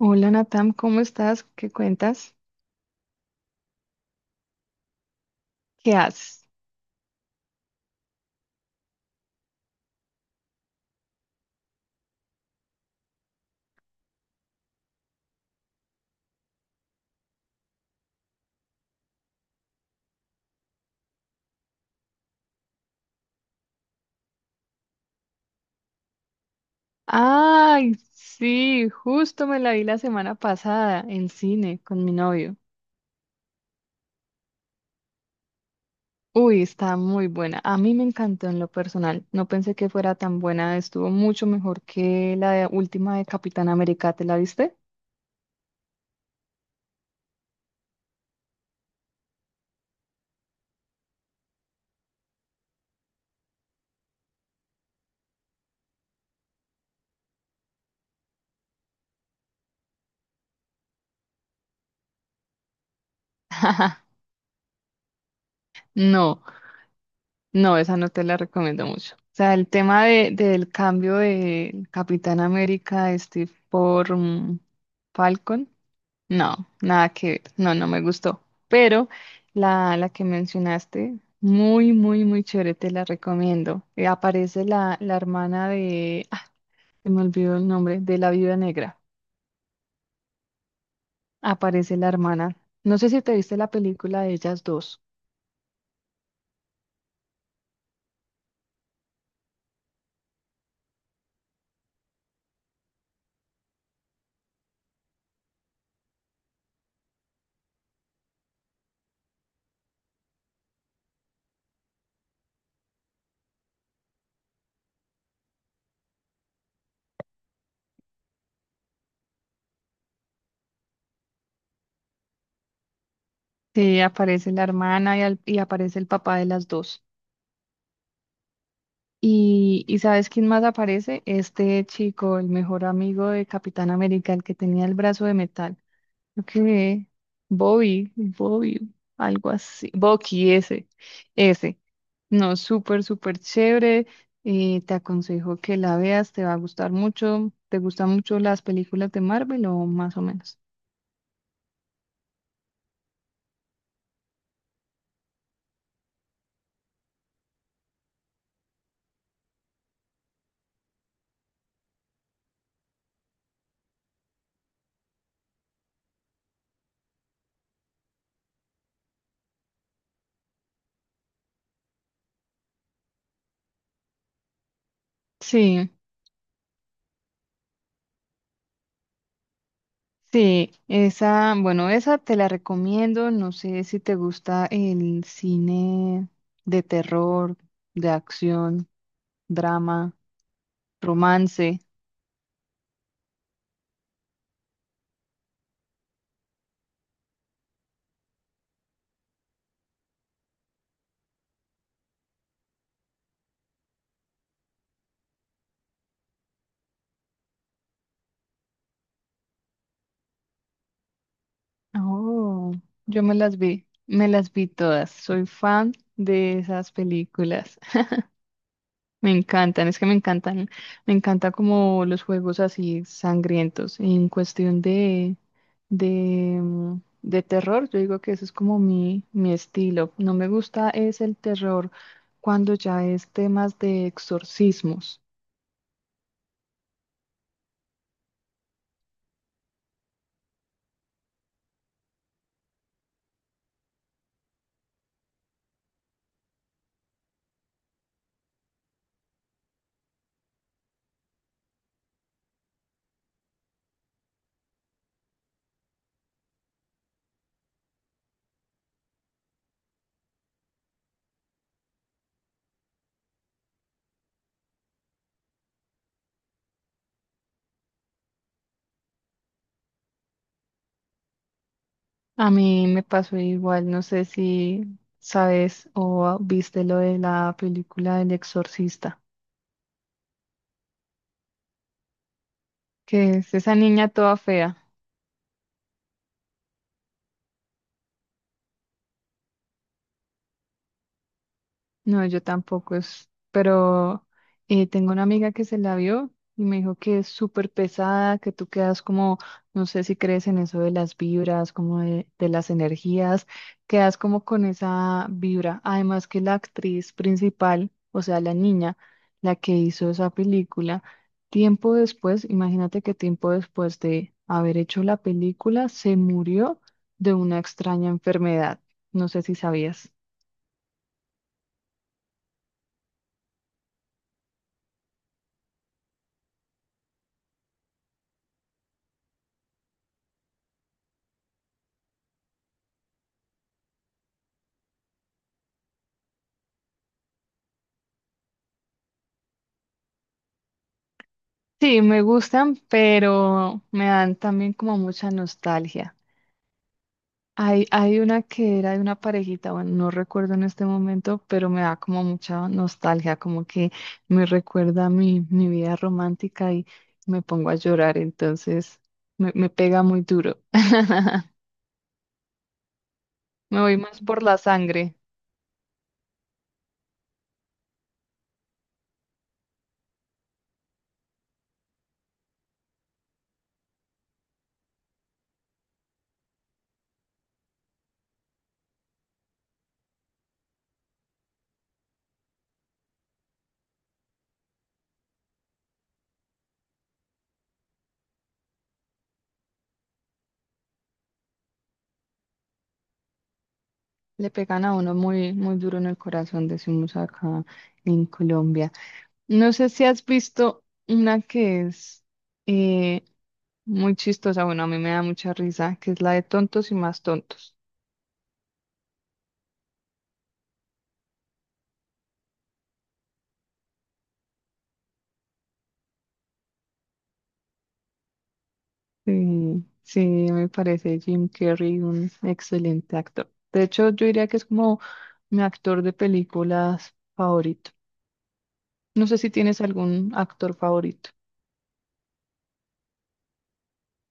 Hola Natam, ¿cómo estás? ¿Qué cuentas? ¿Qué haces? Ay, sí, justo me la vi la semana pasada en cine con mi novio. Uy, está muy buena. A mí me encantó en lo personal. No pensé que fuera tan buena. Estuvo mucho mejor que última de Capitán América. ¿Te la viste? No. No, esa no te la recomiendo mucho. O sea, el tema del cambio de Capitán América de Steve por Falcon, no, nada que ver. No, no me gustó. Pero la que mencionaste, muy, muy, muy chévere, te la recomiendo. Aparece la hermana de, se me olvidó el nombre, de la Viuda Negra. Aparece la hermana. No sé si te viste la película de ellas dos. Sí, aparece la hermana y aparece el papá de las dos. Y, y, ¿sabes quién más aparece? Este chico, el mejor amigo de Capitán América, el que tenía el brazo de metal. Creo que Bobby, Bobby, algo así. Bucky, ese. No, súper, súper chévere. Te aconsejo que la veas, te va a gustar mucho. ¿Te gustan mucho las películas de Marvel o más o menos? Sí. Sí, esa, bueno, esa te la recomiendo. No sé si te gusta el cine de terror, de acción, drama, romance. Oh, yo me las vi todas. Soy fan de esas películas. Me encantan, es que me encantan, me encanta como los juegos así sangrientos. En cuestión de terror, yo digo que eso es como mi estilo. No me gusta es el terror cuando ya es temas de exorcismos. A mí me pasó igual, no sé si sabes o viste lo de la película del exorcista, que es esa niña toda fea. No, yo tampoco es, pero tengo una amiga que se la vio y me dijo que es súper pesada, que tú quedas como, no sé si crees en eso de las vibras, como de las energías, quedas como con esa vibra. Además que la actriz principal, o sea, la niña, la que hizo esa película, imagínate que tiempo después de haber hecho la película, se murió de una extraña enfermedad. No sé si sabías. Sí, me gustan, pero me dan también como mucha nostalgia. Hay una que era de una parejita, bueno, no recuerdo en este momento, pero me da como mucha nostalgia, como que me recuerda a mi, mi vida romántica y me pongo a llorar, entonces me pega muy duro. Me voy más por la sangre. Le pegan a uno muy, muy duro en el corazón, decimos acá en Colombia. No sé si has visto una que es eh, muy chistosa, bueno, a mí me da mucha risa, que es la de tontos y más tontos. Sí, sí, me parece Jim Carrey un excelente actor. De hecho, yo diría que es como mi actor de películas favorito. No sé si tienes algún actor favorito.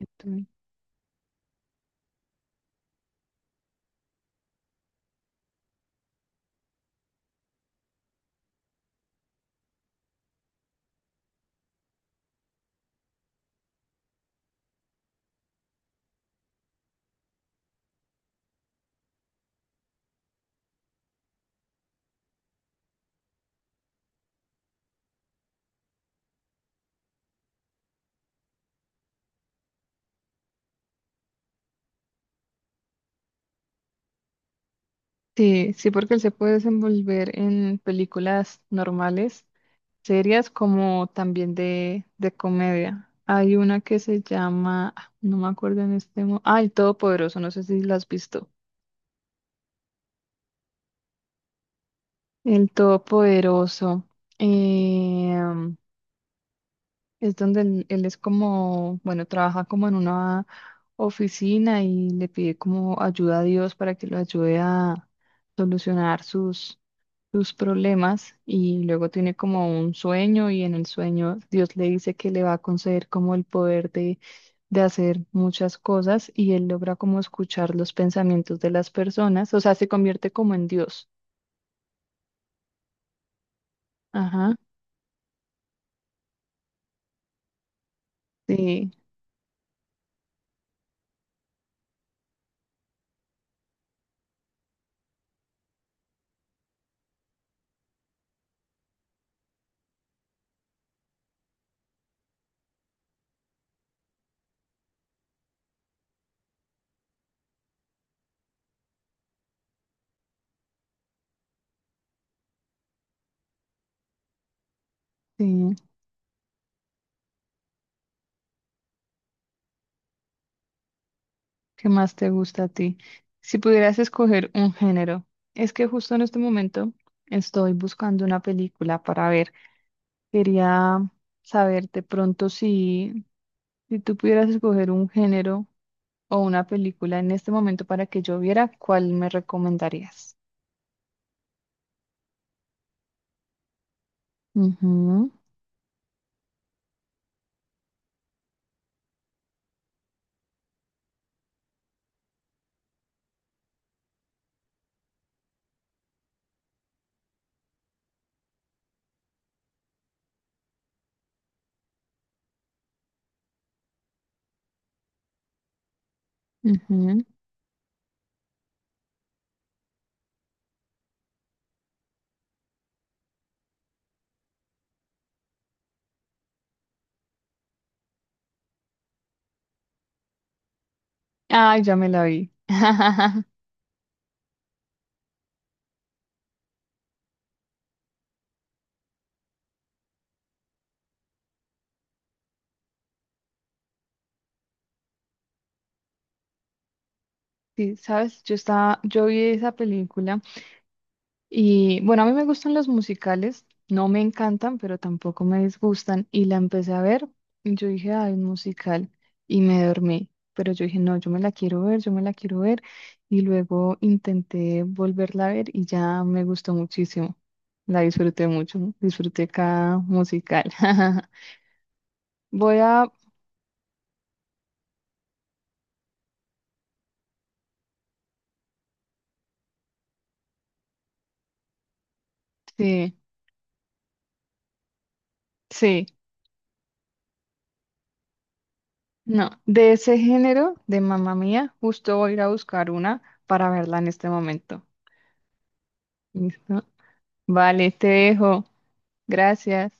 Entonces, Sí, sí, porque él se puede desenvolver en películas normales, series como también de comedia. Hay una que se llama, ah, no me acuerdo en este momento, ah, El Todopoderoso, no sé si la has visto. El Todopoderoso, em, es donde él es como, bueno, trabaja como en una oficina y le pide como ayuda a Dios para que lo ayude a solucionar sus problemas y luego tiene como un sueño y en el sueño Dios le dice que le va a conceder como el poder de hacer muchas cosas y él logra como escuchar los pensamientos de las personas, o sea, se convierte como en Dios. Ajá, sí, sí. ¿Qué más te gusta a ti? Si pudieras escoger un género, es que justo en este momento estoy buscando una película para ver. Quería saber de pronto si tú pudieras escoger un género, o una película en este momento para que yo viera, ¿cuál me recomendarías? Ujú, ujú. Ay, ya me la vi. Sí, sabes, yo vi esa película. Y bueno, a mí me gustan los musicales, no me encantan, pero tampoco me disgustan. Y la empecé a ver y yo dije, ay, un musical. Y me dormí. Pero yo dije, no, yo me la quiero ver, yo me la quiero ver. Y luego intenté volverla a ver y ya me gustó muchísimo. La disfruté mucho, ¿no? Disfruté cada musical. Voy a, sí, sí, no, de ese género, de Mamá Mía, justo voy a ir a buscar una para verla en este momento. ¿Listo? Vale, te dejo. Gracias.